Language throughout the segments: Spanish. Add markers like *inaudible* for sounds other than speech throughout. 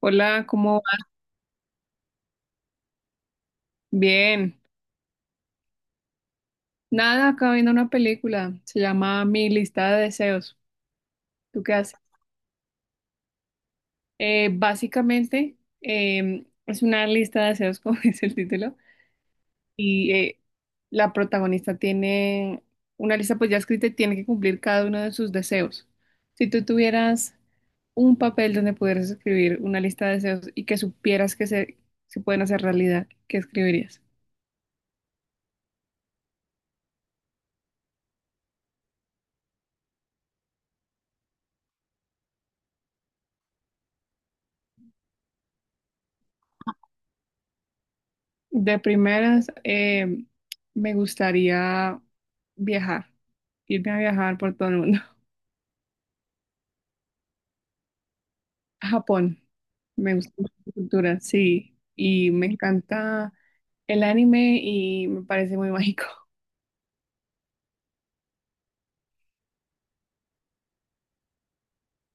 Hola, ¿cómo va? Bien. Nada, acabo viendo una película. Se llama Mi lista de deseos. ¿Tú qué haces? Básicamente, es una lista de deseos, *laughs* como dice el título. Y la protagonista tiene una lista pues ya escrita y tiene que cumplir cada uno de sus deseos. Si tú tuvieras un papel donde pudieras escribir una lista de deseos y que supieras que se pueden hacer realidad, ¿qué escribirías? De primeras, me gustaría viajar, irme a viajar por todo el mundo. *laughs* A Japón, me gusta mucho la cultura, sí, y me encanta el anime y me parece muy *laughs* mágico.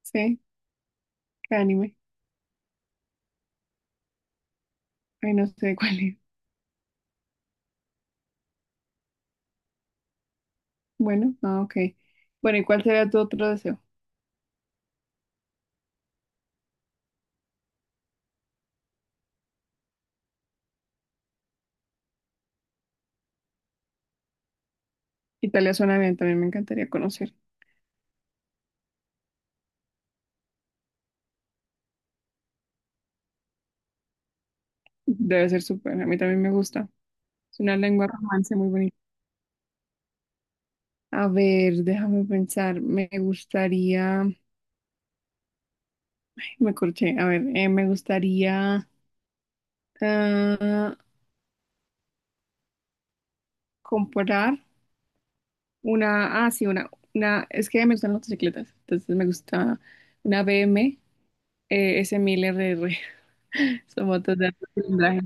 ¿Sí? ¿Qué anime? Ay, no sé cuál es. Bueno, ok. Bueno, ¿y cuál sería tu otro deseo? Italia suena bien, también me encantaría conocer. Debe ser súper, a mí también me gusta. Es una lengua romance muy bonita. A ver, déjame pensar, me gustaría... Me corché. A ver, me gustaría, ah, comprar una. Ah, sí, una. Es que me gustan las motocicletas. Entonces me gusta una BM, S1000 RR. *laughs* Son motos de alto cilindraje.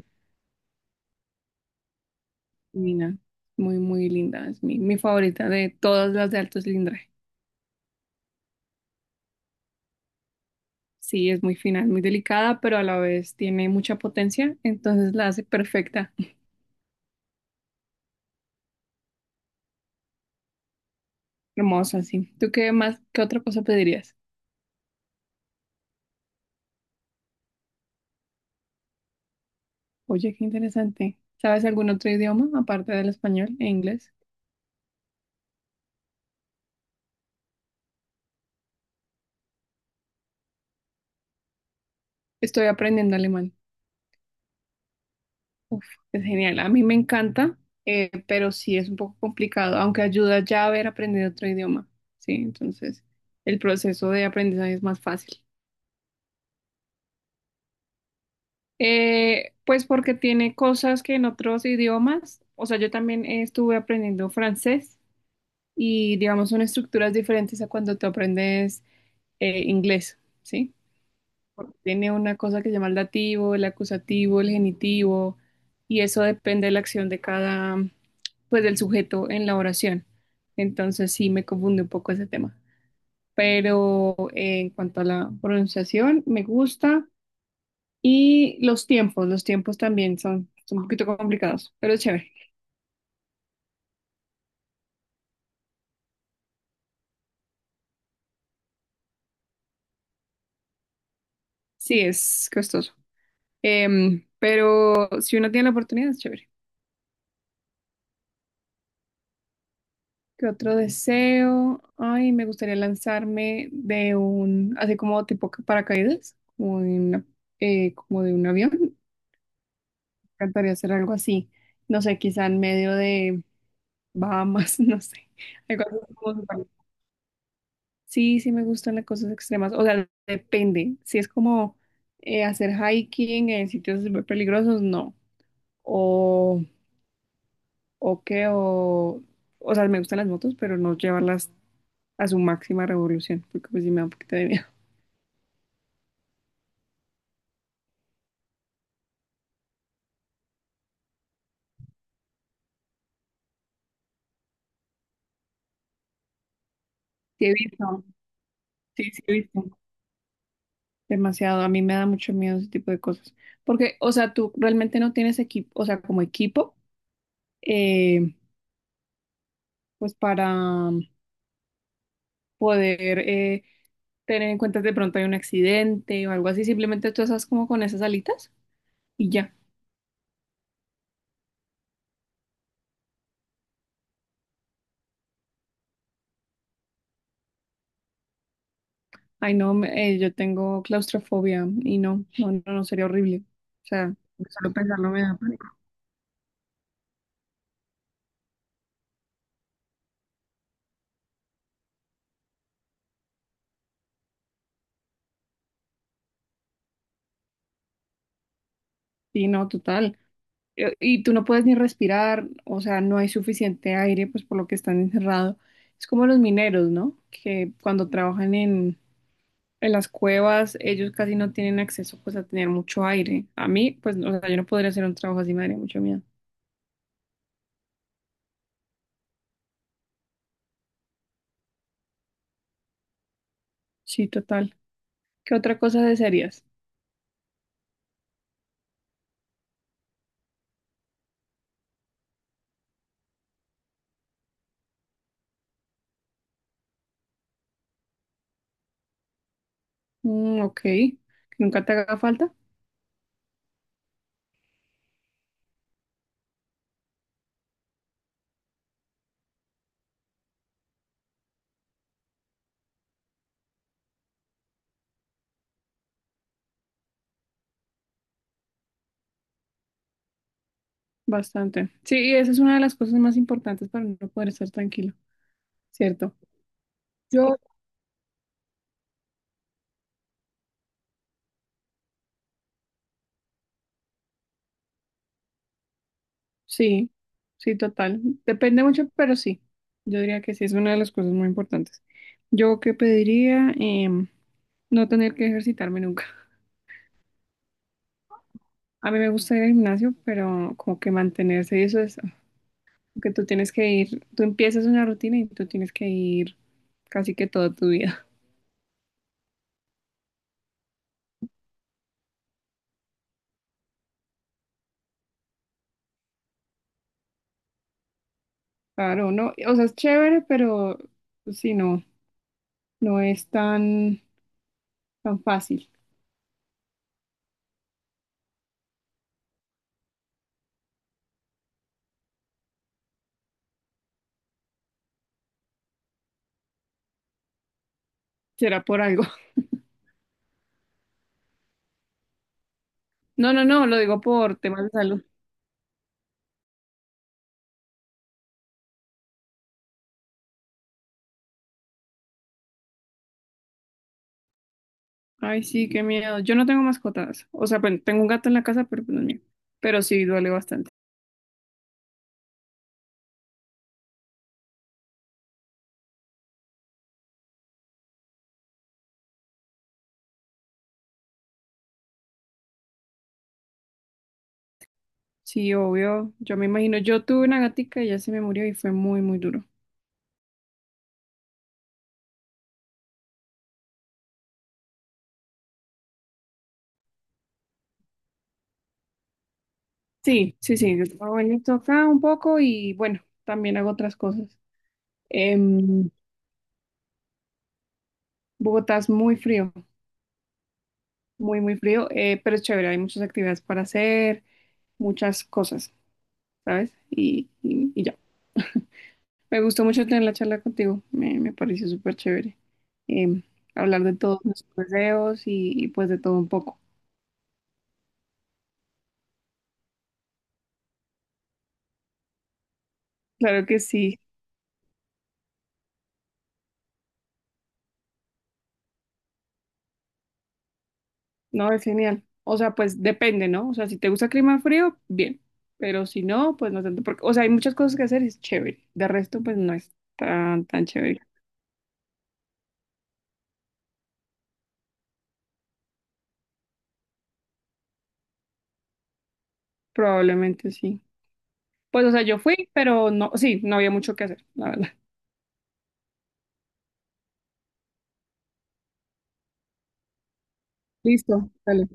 Divina. Muy, muy linda. Es mi favorita de todas las de alto cilindraje. Sí, es muy fina, es muy delicada, pero a la vez tiene mucha potencia. Entonces la hace perfecta. *laughs* Hermosa, sí. ¿Tú qué más? ¿Qué otra cosa pedirías? Oye, qué interesante. ¿Sabes algún otro idioma aparte del español e inglés? Estoy aprendiendo alemán. Uf, es genial. A mí me encanta, pero sí es un poco complicado, aunque ayuda ya haber aprendido otro idioma. Sí, entonces el proceso de aprendizaje es más fácil. Pues porque tiene cosas que en otros idiomas, o sea, yo también, estuve aprendiendo francés, y digamos son estructuras diferentes a cuando tú aprendes, inglés, ¿sí? Tiene una cosa que se llama el dativo, el acusativo, el genitivo, y eso depende de la acción de cada, pues, del sujeto en la oración. Entonces sí me confunde un poco ese tema. Pero en cuanto a la pronunciación, me gusta. Y los tiempos también son un poquito complicados, pero es chévere. Sí, es costoso. Pero si uno tiene la oportunidad, es chévere. ¿Qué otro deseo? Ay, me gustaría lanzarme de así como tipo paracaídas, como de un avión. Me encantaría hacer algo así. No sé, quizá en medio de Bahamas, *laughs* no sé. Algo así como súper- Sí, sí me gustan las cosas extremas. O sea, depende. Si es como, hacer hiking en sitios súper peligrosos, no. O, o qué, o, o sea, me gustan las motos, pero no llevarlas a su máxima revolución, porque pues sí me da un poquito de miedo. Sí, he visto, sí, sí, he visto. Demasiado, a mí me da mucho miedo ese tipo de cosas. Porque, o sea, tú realmente no tienes equipo, o sea, como equipo, eh, pues para poder, tener en cuenta de pronto hay un accidente o algo así, simplemente tú estás como con esas alitas y ya. Ay, no, yo tengo claustrofobia y no, no, no, no, sería horrible. O sea, solo pensarlo me da pánico. Sí, no, total. Y tú no puedes ni respirar, o sea, no hay suficiente aire, pues por lo que están encerrados. Es como los mineros, ¿no? Que cuando trabajan en, las cuevas, ellos casi no tienen acceso, pues, a tener mucho aire. A mí, pues, o sea, yo no podría hacer un trabajo así, me daría mucho miedo. Sí, total. ¿Qué otra cosa desearías? Mm, ok, que nunca te haga falta. Bastante. Sí, y esa es una de las cosas más importantes para no poder estar tranquilo, ¿cierto? Yo, Sí, sí, total. Depende mucho, pero sí. Yo diría que sí, es una de las cosas muy importantes. Yo que pediría, no tener que ejercitarme nunca. *laughs* A mí me gusta ir al gimnasio, pero como que mantenerse, y eso es, que tú tienes que ir, tú empiezas una rutina y tú tienes que ir casi que toda tu vida. *laughs* Claro, no, o sea, es chévere, pero sí, no, no es tan, tan fácil. Será por algo. *laughs* No, no, no, lo digo por temas de salud. Ay, sí, qué miedo. Yo no tengo mascotas. O sea, bueno, tengo un gato en la casa, pero pues no es mío. Pero sí, duele bastante. Sí, obvio. Yo me imagino, yo tuve una gatica y ya se me murió y fue muy, muy duro. Sí, sí, sí. Yo trabajo en esto acá un poco y bueno, también hago otras cosas. Em, Bogotá es muy frío, muy, muy frío, pero es chévere. Hay muchas actividades para hacer, muchas cosas, ¿sabes? Y ya. Me gustó mucho tener la charla contigo, me pareció súper chévere, em, hablar de todos nuestros deseos y pues de todo un poco. Claro que sí, no, es genial. O sea, pues depende, ¿no? O sea, si te gusta el clima frío, bien, pero si no, pues no tanto, porque, o sea, hay muchas cosas que hacer, es chévere. De resto, pues no es tan, tan chévere. Probablemente sí. Pues, o sea, yo fui, pero no, sí, no había mucho que hacer, la verdad. *laughs* Listo, dale.